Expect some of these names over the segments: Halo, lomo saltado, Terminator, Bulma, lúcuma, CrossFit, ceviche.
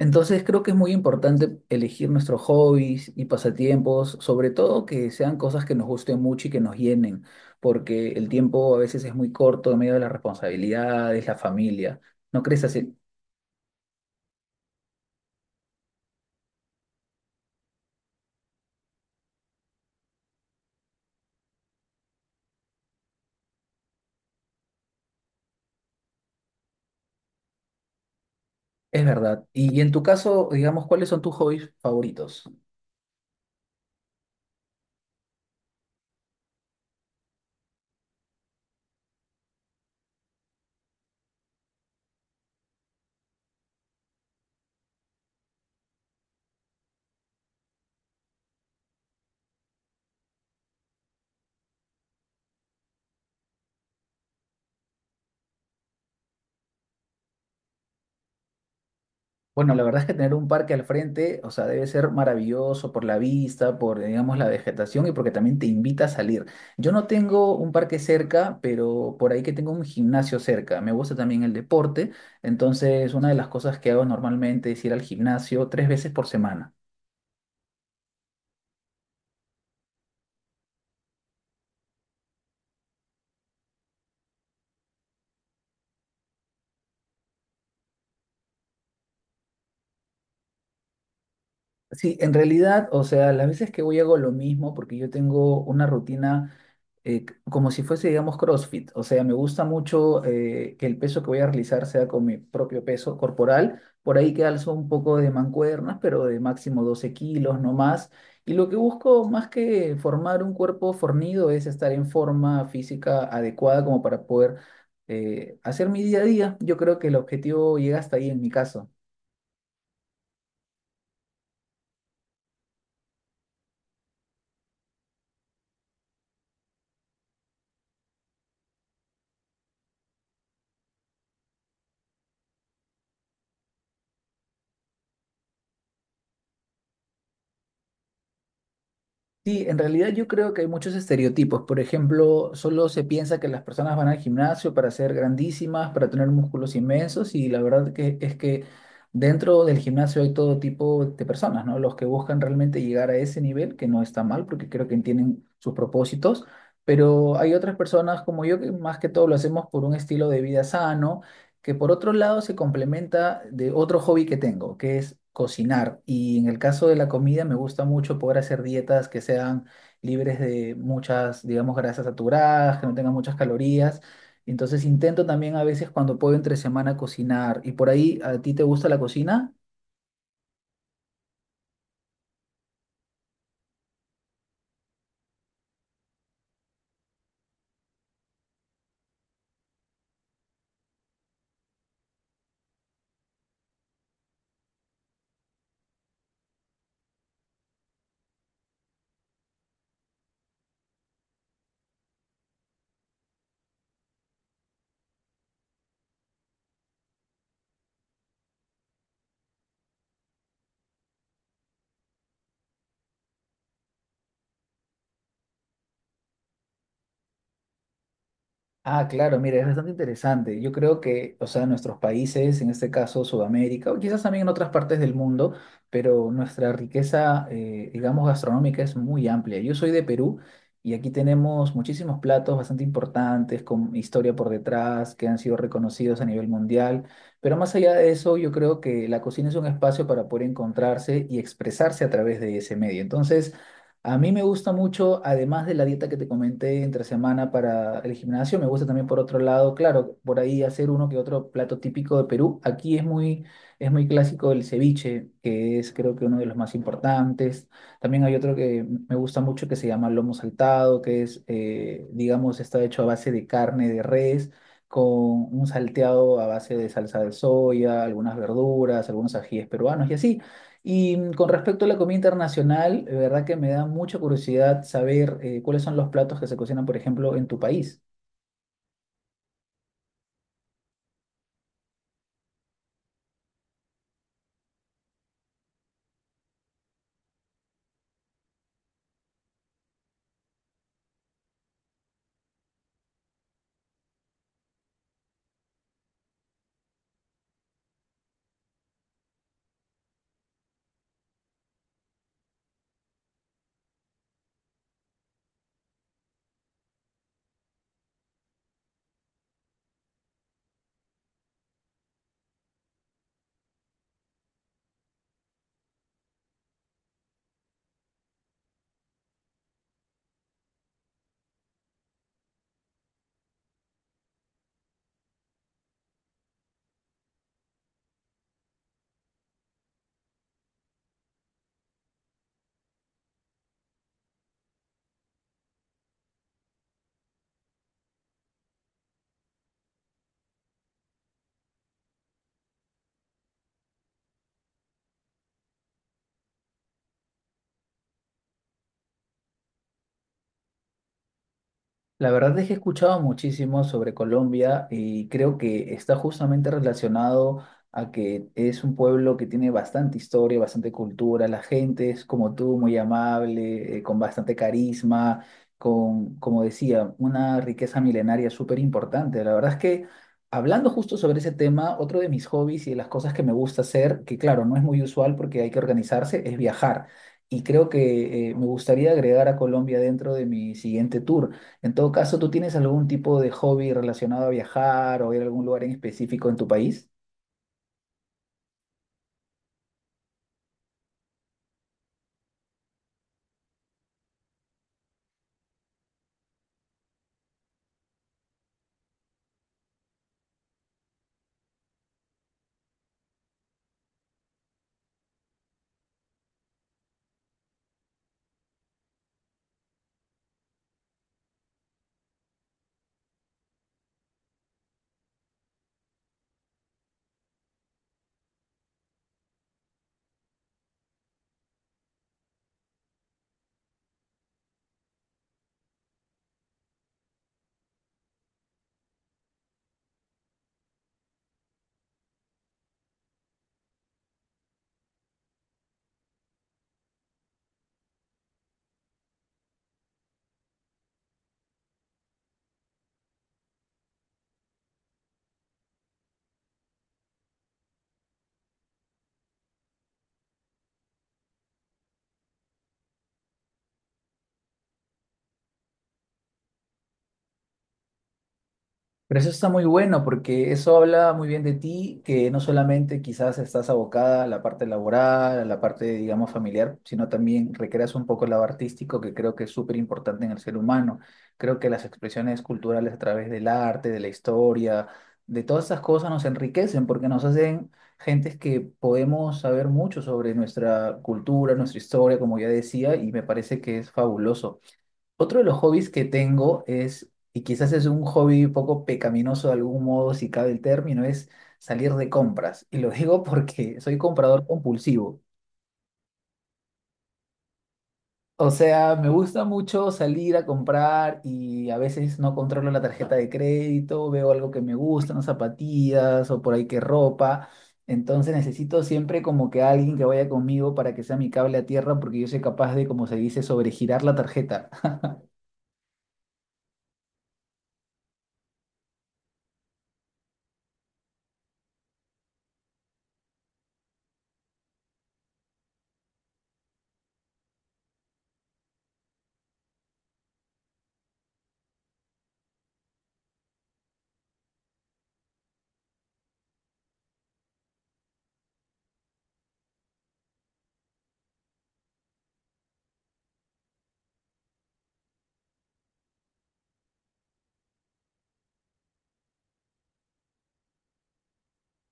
Entonces creo que es muy importante elegir nuestros hobbies y pasatiempos, sobre todo que sean cosas que nos gusten mucho y que nos llenen, porque el tiempo a veces es muy corto en medio de las responsabilidades, la familia. ¿No crees así? Es verdad. Y en tu caso, digamos, ¿cuáles son tus hobbies favoritos? Bueno, la verdad es que tener un parque al frente, o sea, debe ser maravilloso por la vista, por, digamos, la vegetación y porque también te invita a salir. Yo no tengo un parque cerca, pero por ahí que tengo un gimnasio cerca. Me gusta también el deporte, entonces una de las cosas que hago normalmente es ir al gimnasio tres veces por semana. Sí, en realidad, o sea, las veces que voy hago lo mismo porque yo tengo una rutina. Como si fuese, digamos, CrossFit. O sea, me gusta mucho que el peso que voy a realizar sea con mi propio peso corporal. Por ahí que alzo un poco de mancuernas, pero de máximo 12 kilos, no más. Y lo que busco más que formar un cuerpo fornido es estar en forma física adecuada como para poder hacer mi día a día. Yo creo que el objetivo llega hasta ahí en mi caso. Sí, en realidad yo creo que hay muchos estereotipos. Por ejemplo, solo se piensa que las personas van al gimnasio para ser grandísimas, para tener músculos inmensos y la verdad que es que dentro del gimnasio hay todo tipo de personas, ¿no? Los que buscan realmente llegar a ese nivel, que no está mal porque creo que entienden sus propósitos, pero hay otras personas como yo que más que todo lo hacemos por un estilo de vida sano que por otro lado se complementa de otro hobby que tengo, que es cocinar. Y en el caso de la comida me gusta mucho poder hacer dietas que sean libres de muchas, digamos, grasas saturadas, que no tengan muchas calorías. Entonces intento también a veces cuando puedo entre semana cocinar. ¿Y por ahí a ti te gusta la cocina? Ah, claro, mira, es bastante interesante. Yo creo que, o sea, nuestros países, en este caso Sudamérica, o quizás también en otras partes del mundo, pero nuestra riqueza, digamos, gastronómica es muy amplia. Yo soy de Perú y aquí tenemos muchísimos platos bastante importantes, con historia por detrás, que han sido reconocidos a nivel mundial. Pero más allá de eso, yo creo que la cocina es un espacio para poder encontrarse y expresarse a través de ese medio. Entonces, a mí me gusta mucho, además de la dieta que te comenté entre semana para el gimnasio, me gusta también por otro lado, claro, por ahí hacer uno que otro plato típico de Perú. Aquí es muy clásico el ceviche, que es creo que uno de los más importantes. También hay otro que me gusta mucho que se llama lomo saltado, que es, digamos, está hecho a base de carne de res, con un salteado a base de salsa de soya, algunas verduras, algunos ajíes peruanos y así. Y con respecto a la comida internacional, de verdad que me da mucha curiosidad saber cuáles son los platos que se cocinan, por ejemplo, en tu país. La verdad es que he escuchado muchísimo sobre Colombia y creo que está justamente relacionado a que es un pueblo que tiene bastante historia, bastante cultura, la gente es como tú, muy amable, con bastante carisma, con, como decía, una riqueza milenaria súper importante. La verdad es que hablando justo sobre ese tema, otro de mis hobbies y de las cosas que me gusta hacer, que claro, no es muy usual porque hay que organizarse, es viajar. Y creo que me gustaría agregar a Colombia dentro de mi siguiente tour. En todo caso, ¿tú tienes algún tipo de hobby relacionado a viajar o ir a algún lugar en específico en tu país? Pero eso está muy bueno porque eso habla muy bien de ti, que no solamente quizás estás abocada a la parte laboral, a la parte, digamos, familiar, sino también recreas un poco el lado artístico que creo que es súper importante en el ser humano. Creo que las expresiones culturales a través del arte, de la historia, de todas estas cosas nos enriquecen porque nos hacen gentes que podemos saber mucho sobre nuestra cultura, nuestra historia, como ya decía, y me parece que es fabuloso. Otro de los hobbies que tengo es, y quizás es un hobby poco pecaminoso de algún modo, si cabe el término, es salir de compras. Y lo digo porque soy comprador compulsivo. O sea, me gusta mucho salir a comprar y a veces no controlo la tarjeta de crédito, veo algo que me gusta, unas zapatillas o por ahí que ropa. Entonces necesito siempre como que alguien que vaya conmigo para que sea mi cable a tierra porque yo soy capaz de, como se dice, sobregirar la tarjeta.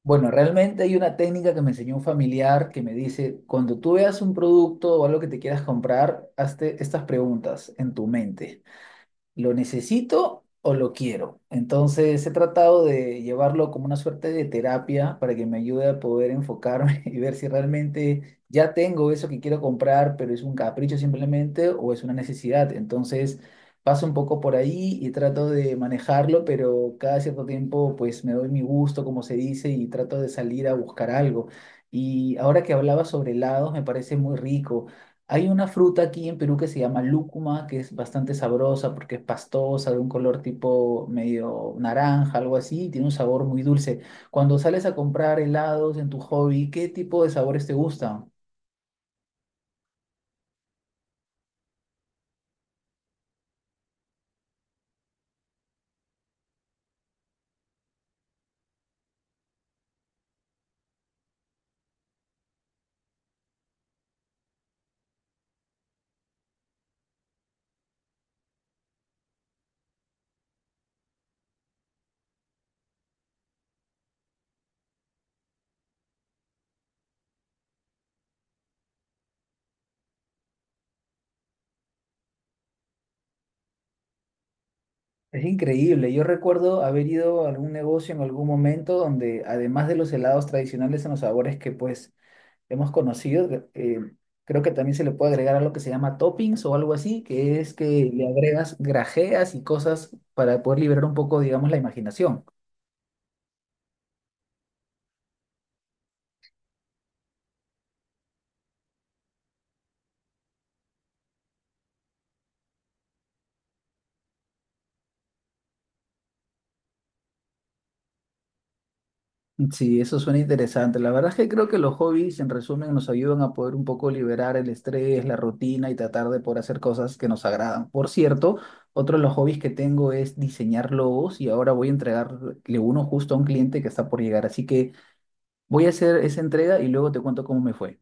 Bueno, realmente hay una técnica que me enseñó un familiar que me dice, cuando tú veas un producto o algo que te quieras comprar, hazte estas preguntas en tu mente. ¿Lo necesito o lo quiero? Entonces he tratado de llevarlo como una suerte de terapia para que me ayude a poder enfocarme y ver si realmente ya tengo eso que quiero comprar, pero es un capricho simplemente o es una necesidad. Entonces paso un poco por ahí y trato de manejarlo, pero cada cierto tiempo pues me doy mi gusto, como se dice, y trato de salir a buscar algo. Y ahora que hablaba sobre helados, me parece muy rico. Hay una fruta aquí en Perú que se llama lúcuma, que es bastante sabrosa porque es pastosa, de un color tipo medio naranja, algo así, y tiene un sabor muy dulce. Cuando sales a comprar helados en tu hobby, ¿qué tipo de sabores te gustan? Es increíble. Yo recuerdo haber ido a algún negocio en algún momento donde, además de los helados tradicionales en los sabores que pues hemos conocido, eh, creo que también se le puede agregar algo que se llama toppings o algo así, que es que le agregas grajeas y cosas para poder liberar un poco, digamos, la imaginación. Sí, eso suena interesante. La verdad es que creo que los hobbies, en resumen, nos ayudan a poder un poco liberar el estrés, la rutina y tratar de poder hacer cosas que nos agradan. Por cierto, otro de los hobbies que tengo es diseñar logos y ahora voy a entregarle uno justo a un cliente que está por llegar. Así que voy a hacer esa entrega y luego te cuento cómo me fue.